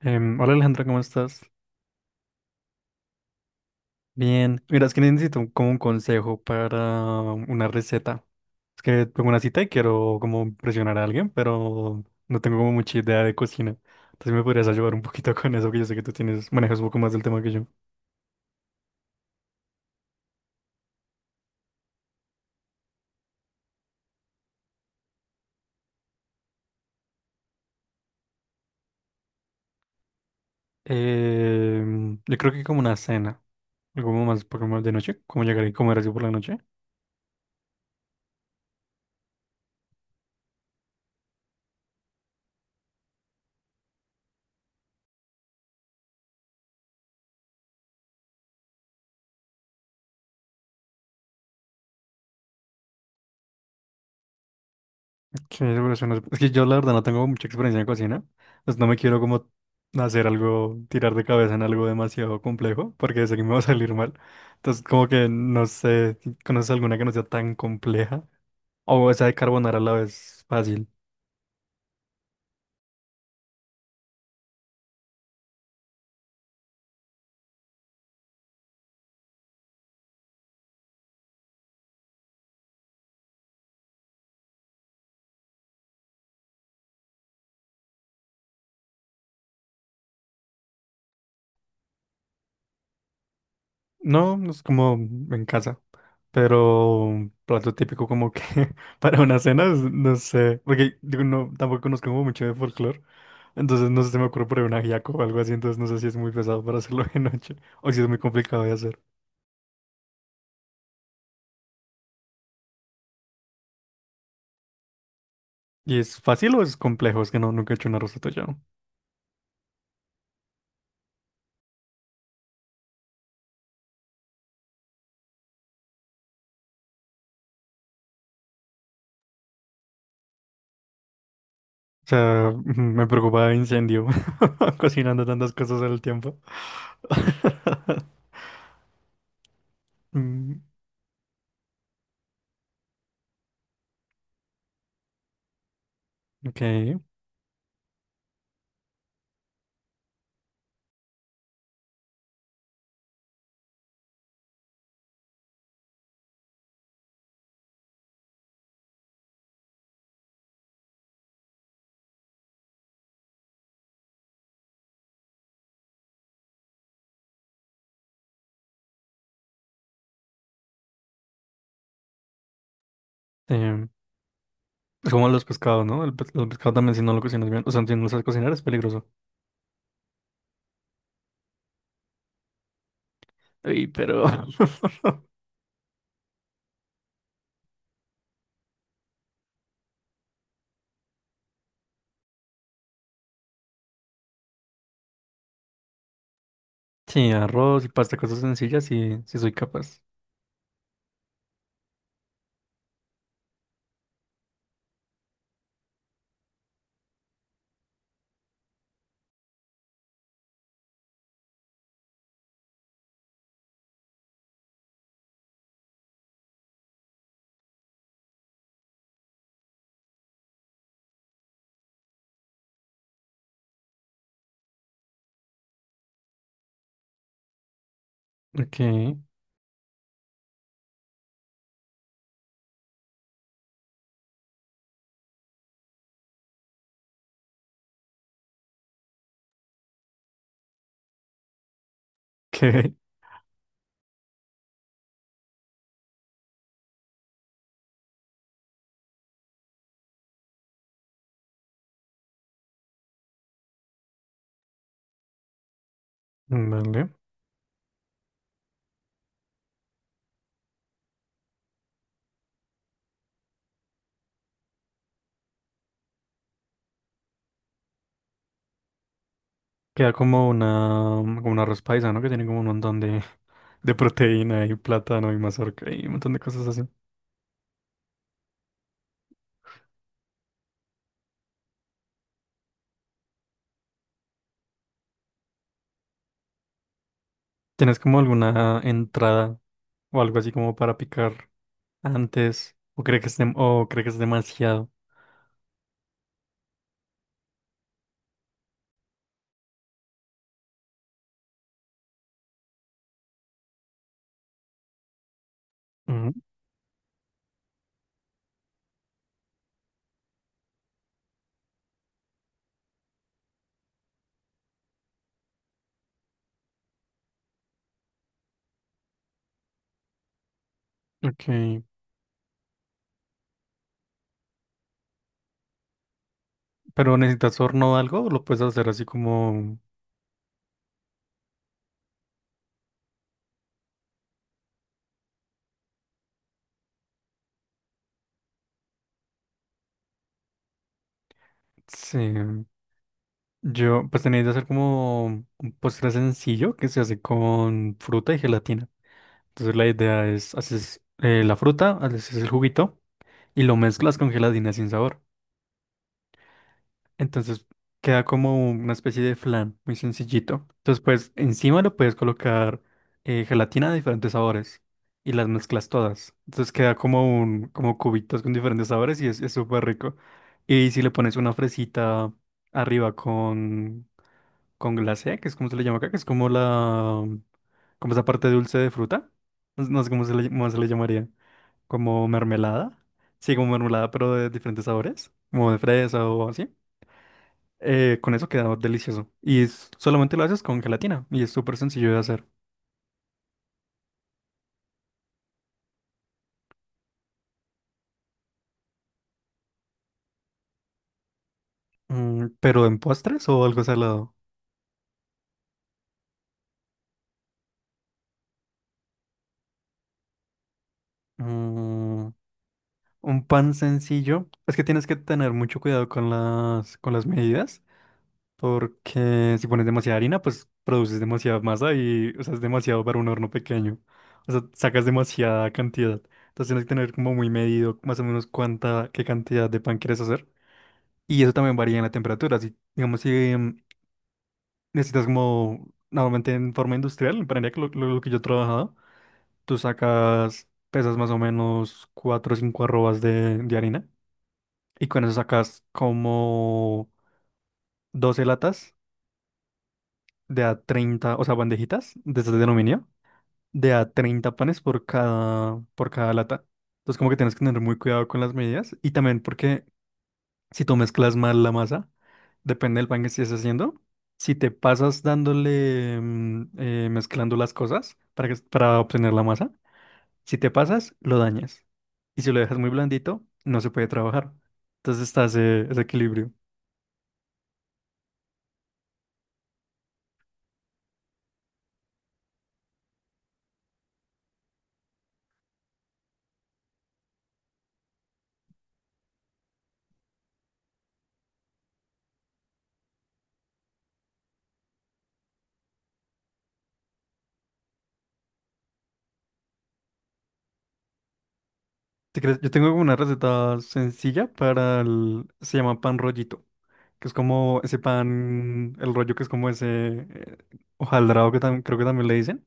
Hola Alejandra, ¿cómo estás? Bien. Mira, es que necesito como un consejo para una receta. Es que tengo una cita y quiero como impresionar a alguien, pero no tengo como mucha idea de cocina. Entonces me podrías ayudar un poquito con eso, que yo sé que tú tienes, manejas un poco más del tema que yo. Yo creo que como una cena, algo como más, poco más de noche, como llegar y comer así por la noche. Sí, por eso no es, que yo la verdad no tengo mucha experiencia en cocina, pues no me quiero como hacer algo, tirar de cabeza en algo demasiado complejo, porque sé que me va a salir mal. Entonces como que no sé, si conoces alguna que no sea tan compleja. O esa de carbonara a la vez fácil. No, no es como en casa, pero un plato típico como que para una cena, no sé, porque digo, no, tampoco conozco como mucho de folclore, entonces no sé si me ocurre por ahí un ajiaco o algo así, entonces no sé si es muy pesado para hacerlo de noche o si es muy complicado de hacer. ¿Y es fácil o es complejo? Es que no, nunca he hecho un arroz atollado. O sea, ujú, me preocupa incendio cocinando tantas cosas al tiempo. Mm. Ok. em, Es como los pescados, ¿no? El, los pescados también si no lo cocinas bien, o sea, si no lo sabes cocinar es peligroso. Ey, pero... Sí, arroz y pasta, cosas sencillas, sí, sí soy capaz. Ok, ok, vale. Queda como una, como un arroz paisa, ¿no? Que tiene como un montón de proteína y plátano y mazorca y un montón de cosas así. ¿Tienes como alguna entrada o algo así como para picar antes? ¿O crees que es, o cree que es demasiado? Ujú. Ok. Pero necesitas horno o algo, o lo puedes hacer así como. Sí. Yo, pues tenéis que hacer como un postre sencillo que se hace con fruta y gelatina. Entonces la idea es, haces la fruta, haces el juguito y lo mezclas con gelatina sin sabor. Entonces queda como una especie de flan muy sencillito. Entonces, pues encima lo puedes colocar gelatina de diferentes sabores y las mezclas todas. Entonces queda como un, como cubitos con diferentes sabores y es súper rico. Y si le pones una fresita arriba con glacé, que es como se le llama acá, que es como la, como esa parte dulce de fruta. No, no sé cómo se le llamaría. Como mermelada. Sí, como mermelada, pero de diferentes sabores. Como de fresa o así. Con eso queda delicioso. Y solamente lo haces con gelatina y es súper sencillo de hacer. Pero en postres o algo salado. Mm, un pan sencillo. Es que tienes que tener mucho cuidado con las medidas. Porque si pones demasiada harina, pues produces demasiada masa y o sea, es demasiado para un horno pequeño. O sea, sacas demasiada cantidad. Entonces tienes que tener como muy medido más o menos cuánta, qué cantidad de pan quieres hacer. Y eso también varía en la temperatura. Si, digamos, si necesitas como, normalmente en forma industrial, me para que lo, lo que yo he trabajado, tú sacas, pesas más o menos 4 o 5 arrobas de harina y con eso sacas como 12 latas de a 30, o sea, bandejitas de estas de aluminio, de a 30 panes por cada lata. Entonces como que tienes que tener muy cuidado con las medidas y también porque si tú mezclas mal la masa, depende del pan que estés haciendo. Si te pasas dándole, mezclando las cosas para, para obtener la masa, si te pasas, lo dañas. Y si lo dejas muy blandito, no se puede trabajar. Entonces está ese, ese equilibrio. Si quieres, yo tengo una receta sencilla para el... Se llama pan rollito, que es como ese pan, el rollo que es como ese eh, hojaldrado que creo que también le dicen.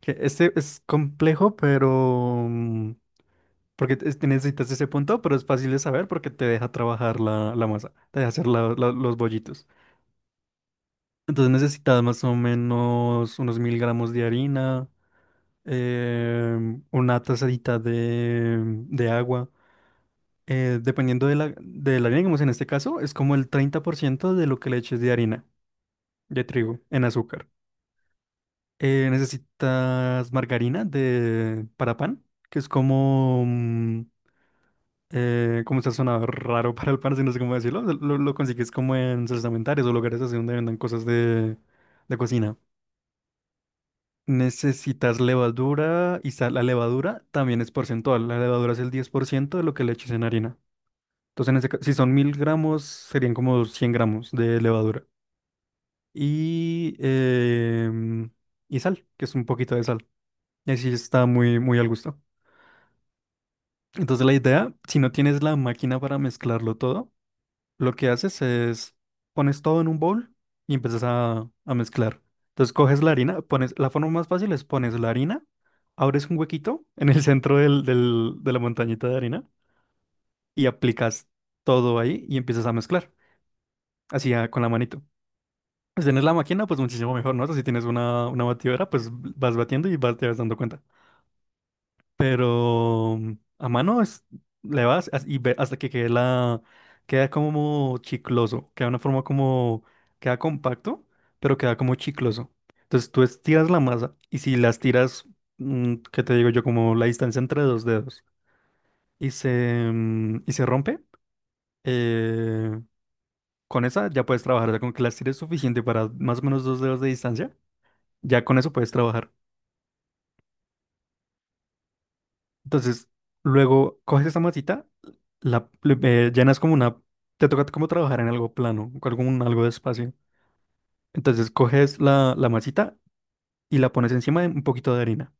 Que este es complejo, pero... mm, porque te necesitas ese punto, pero es fácil de saber porque te deja trabajar la, la masa, te deja hacer los bollitos. Entonces necesitas más o menos unos 1000 gramos de harina, eh, una tazadita de agua. Dependiendo de la harina, digamos en este caso, es como el 30% de lo que le eches de harina, de trigo, en azúcar. Necesitas margarina de, para pan, que es como... Como se ha sonado raro para el parce, no sé cómo decirlo. Lo consigues como en salsamentarias o lugares así donde vendan cosas de cocina. Necesitas levadura y sal. La levadura también es porcentual. La levadura es el 10% de lo que le eches en harina. Entonces, en ese si son 1000 gramos, serían como 100 gramos de levadura. Y, y sal, que es un poquito de sal. Y así está muy, muy al gusto. Entonces, la idea, si no tienes la máquina para mezclarlo todo, lo que haces es pones todo en un bowl y empiezas a mezclar. Entonces coges la harina, pones, la forma más fácil es pones la harina, abres un huequito en el centro del, de la montañita de harina y aplicas todo ahí y empiezas a mezclar, así con la manito. Si tienes la máquina, pues muchísimo mejor, ¿no? O sea, si tienes una batidora, pues vas batiendo y vas, te vas dando cuenta. Pero a mano es, y ve hasta que quede la, queda como chicloso, queda una forma como, queda compacto, pero queda como chicloso. Entonces tú estiras la masa y si las tiras, ¿qué te digo yo? Como la distancia entre dos dedos y se, y se rompe, eh, con esa ya puedes trabajar, o sea, con que las tires suficiente para más o menos dos dedos de distancia, ya con eso puedes trabajar. Entonces, luego coges esa masita, llenas como una... Te toca como trabajar en algo plano, con algún, algo de espacio. Entonces, coges la, la masita y la pones encima de un poquito de harina.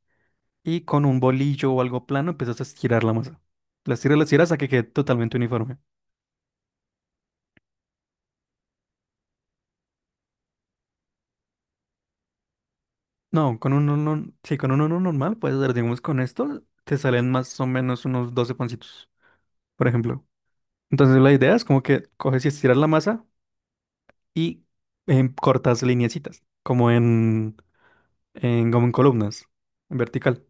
Y con un bolillo o algo plano empiezas a estirar la masa. La estiras hasta que quede totalmente uniforme. No, con un horno, sí, con un horno normal puedes hacer, digamos, con esto te salen más o menos unos 12 pancitos, por ejemplo. Entonces, la idea es como que coges y estiras la masa y cortas lineecitas, como en, como en columnas, en vertical,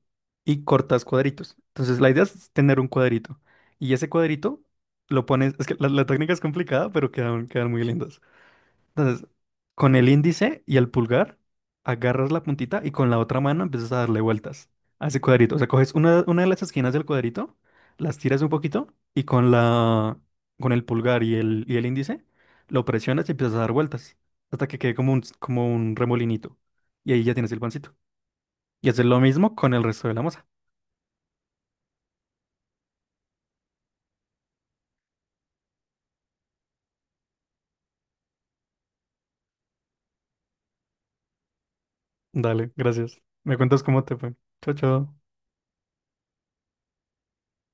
y cortas cuadritos. Entonces la idea es tener un cuadrito. Y ese cuadrito lo pones, es que la técnica es complicada, pero quedan, quedan muy lindas. Entonces, con el índice y el pulgar, agarras la puntita y con la otra mano empiezas a darle vueltas a ese cuadrito. O sea, coges una de las esquinas del cuadrito, las tiras un poquito y con la, con el pulgar y el índice lo presionas y empiezas a dar vueltas hasta que quede como un remolinito. Y ahí ya tienes el pancito. Y hacer lo mismo con el resto de la masa. Dale, gracias. Me cuentas cómo te fue. Chao, chao.